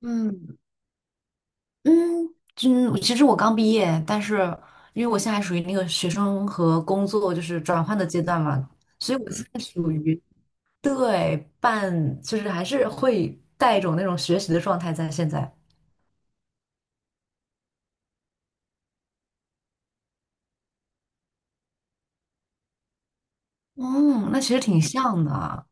嗯嗯，就其实我刚毕业，但是因为我现在还属于那个学生和工作就是转换的阶段嘛，所以我现在属于对半，就是还是会带一种那种学习的状态在现在。嗯，那其实挺像的。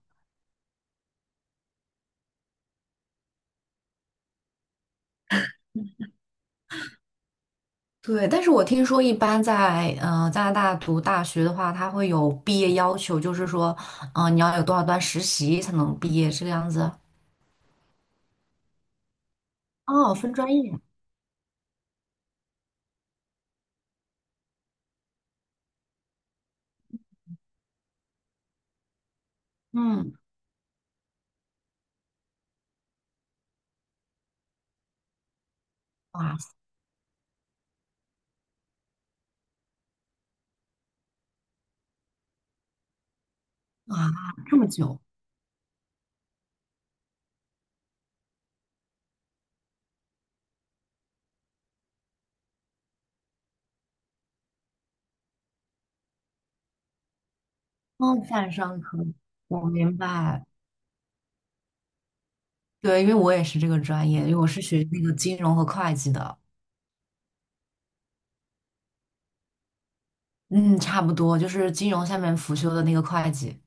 对，但是我听说一般在加拿大读大学的话，它会有毕业要求，就是说，你要有多少段实习才能毕业这个样子。哦，分专业。嗯，哇塞哇，这么久。哦，线上课，我明白。对，因为我也是这个专业，因为我是学那个金融和会计的。嗯，差不多，就是金融下面辅修的那个会计。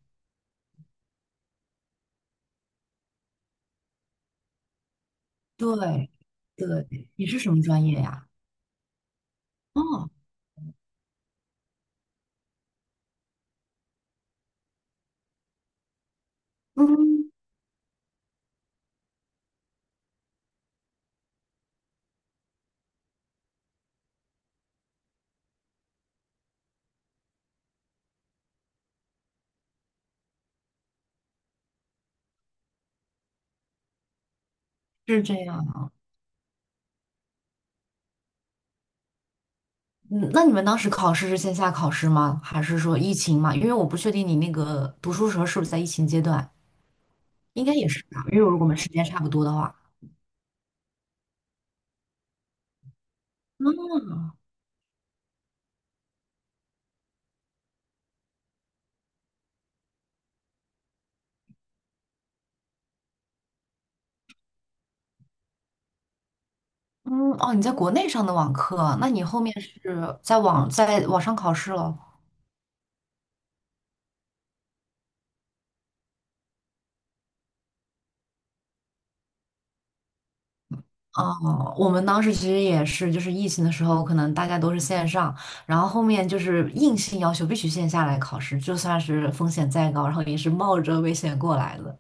对，对，你是什么专业呀？哦，嗯，是这样啊。嗯，那你们当时考试是线下考试吗？还是说疫情嘛？因为我不确定你那个读书时候是不是在疫情阶段，应该也是吧，因为如果我们时间差不多的话。嗯，哦，你在国内上的网课，那你后面是在网上考试了？哦，我们当时其实也是，就是疫情的时候，可能大家都是线上，然后后面就是硬性要求必须线下来考试，就算是风险再高，然后也是冒着危险过来的。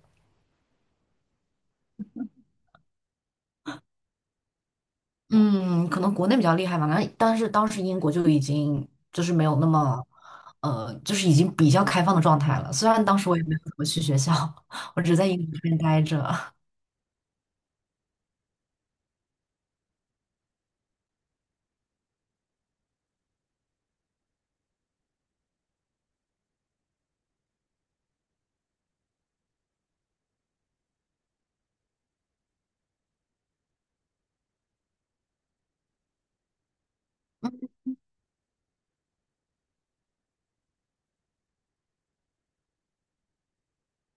嗯，可能国内比较厉害吧，那但是当时英国就已经就是没有那么，就是已经比较开放的状态了。虽然当时我也没有怎么去学校，我只在英国这边待着。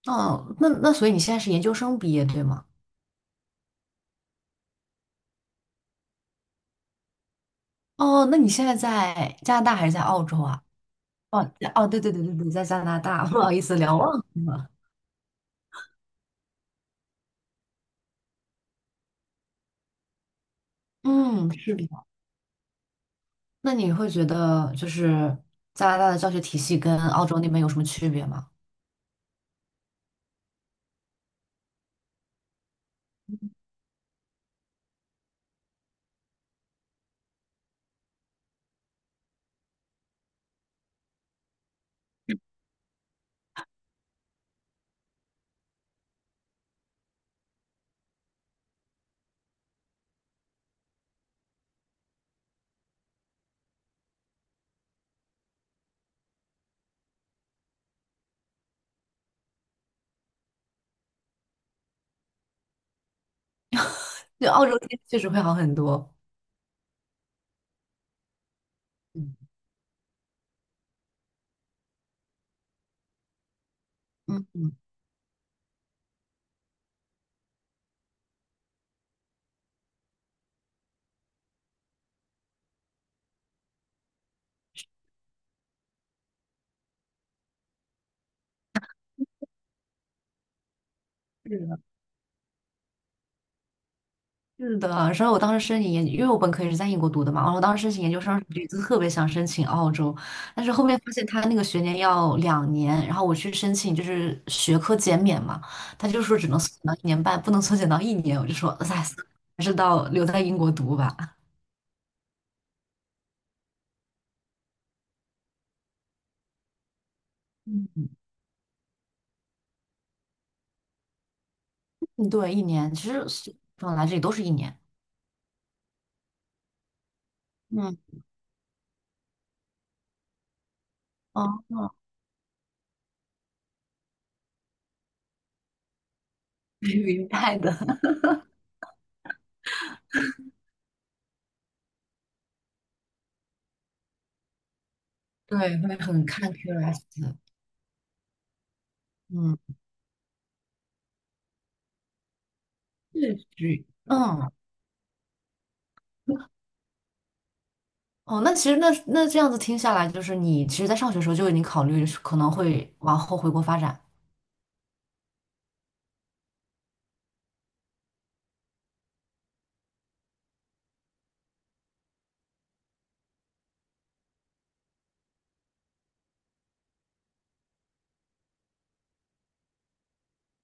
哦，那所以你现在是研究生毕业对吗？哦，那你现在在加拿大还是在澳洲啊？哦哦，对对对对对，在加拿大，不好意思，聊忘了。嗯，是的。那你会觉得就是加拿大的教学体系跟澳洲那边有什么区别吗？对，澳洲确实会好很多。嗯嗯嗯，是的是的，然后我当时申请研，因为我本科也是在英国读的嘛，然后我当时申请研究生一就特别想申请澳洲，但是后面发现他那个学年要两年，然后我去申请就是学科减免嘛，他就说只能缩减到1年半，不能缩减到一年，我就说哎，还是到留在英国读吧。嗯嗯对，一年，其实本来这里都是一年。嗯，哦，哦 明白的，对，会很看 CURIOS 嗯，是，嗯。哦，那其实那这样子听下来，就是你其实，在上学的时候就已经考虑是可能会往后回国发展。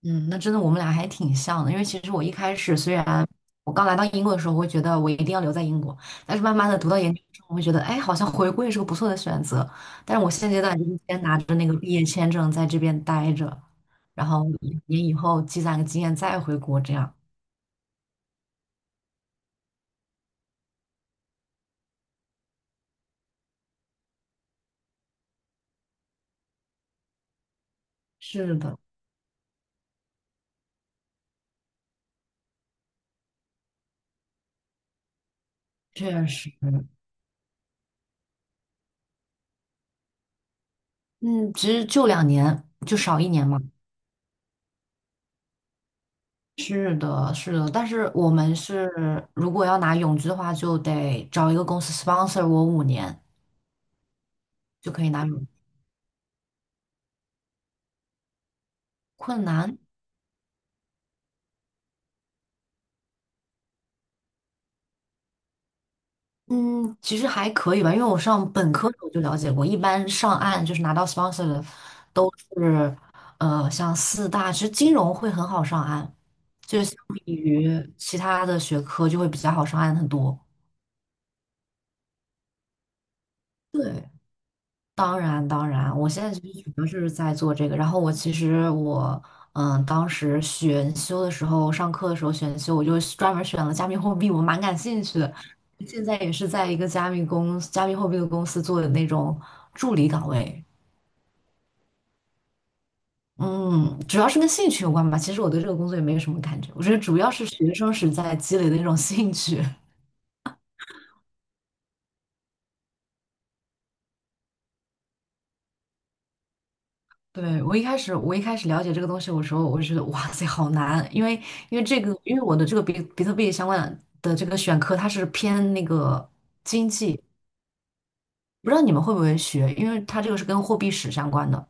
嗯，那真的我们俩还挺像的，因为其实我一开始虽然我刚来到英国的时候，我会觉得我一定要留在英国，但是慢慢的读到研究生，我会觉得，哎，好像回国也是个不错的选择。但是我现阶段就是先拿着那个毕业签证在这边待着，然后一年以后积攒个经验再回国，这样。是的，确实，嗯，其实就两年，就少一年嘛。是的，是的，但是我们是如果要拿永居的话，就得找一个公司 sponsor 我5年，就可以拿永居。困难，嗯，其实还可以吧，因为我上本科的时候就了解过，一般上岸就是拿到 sponsor 的都是，像四大，其实金融会很好上岸，就是相比于其他的学科就会比较好上岸很多。对。当然，当然，我现在其实主要是在做这个。然后我其实当时选修的时候，上课的时候选修，我就专门选了加密货币，我蛮感兴趣的。现在也是在一个加密货币的公司做的那种助理岗位。嗯，主要是跟兴趣有关吧。其实我对这个工作也没有什么感觉，我觉得主要是学生时代积累的那种兴趣。对，我一开始了解这个东西我说，我就觉得哇塞，好难，因为这个，因为我的这个比特币相关的这个选科，它是偏那个经济，不知道你们会不会学，因为它这个是跟货币史相关的。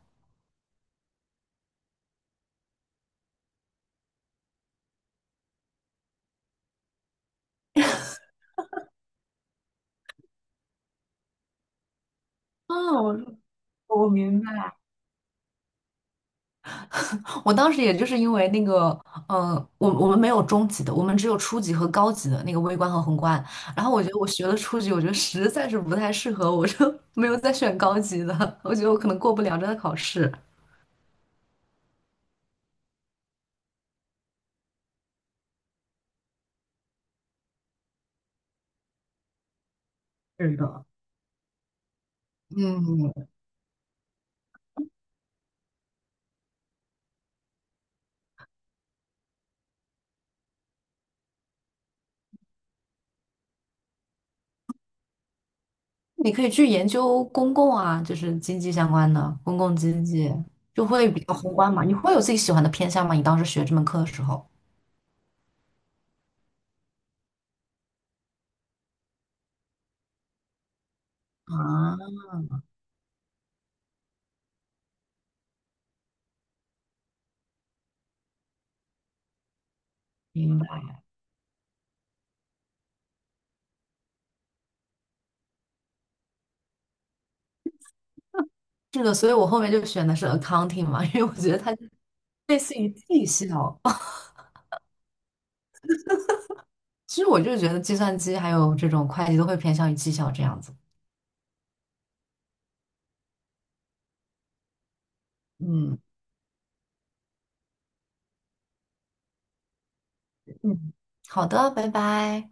我当时也就是因为那个，我们没有中级的，我们只有初级和高级的那个微观和宏观。然后我觉得我学了初级，我觉得实在是不太适合，我就 没有再选高级的，我觉得我可能过不了这个考试。是的，嗯，你可以去研究公共啊，就是经济相关的公共经济，就会比较宏观嘛。你会有自己喜欢的偏向吗？你当时学这门课的时候啊，明白。是的，所以我后面就选的是 accounting 嘛，因为我觉得它类似于绩效。其实我就觉得计算机还有这种会计都会偏向于绩效这样子。嗯嗯，好的，拜拜。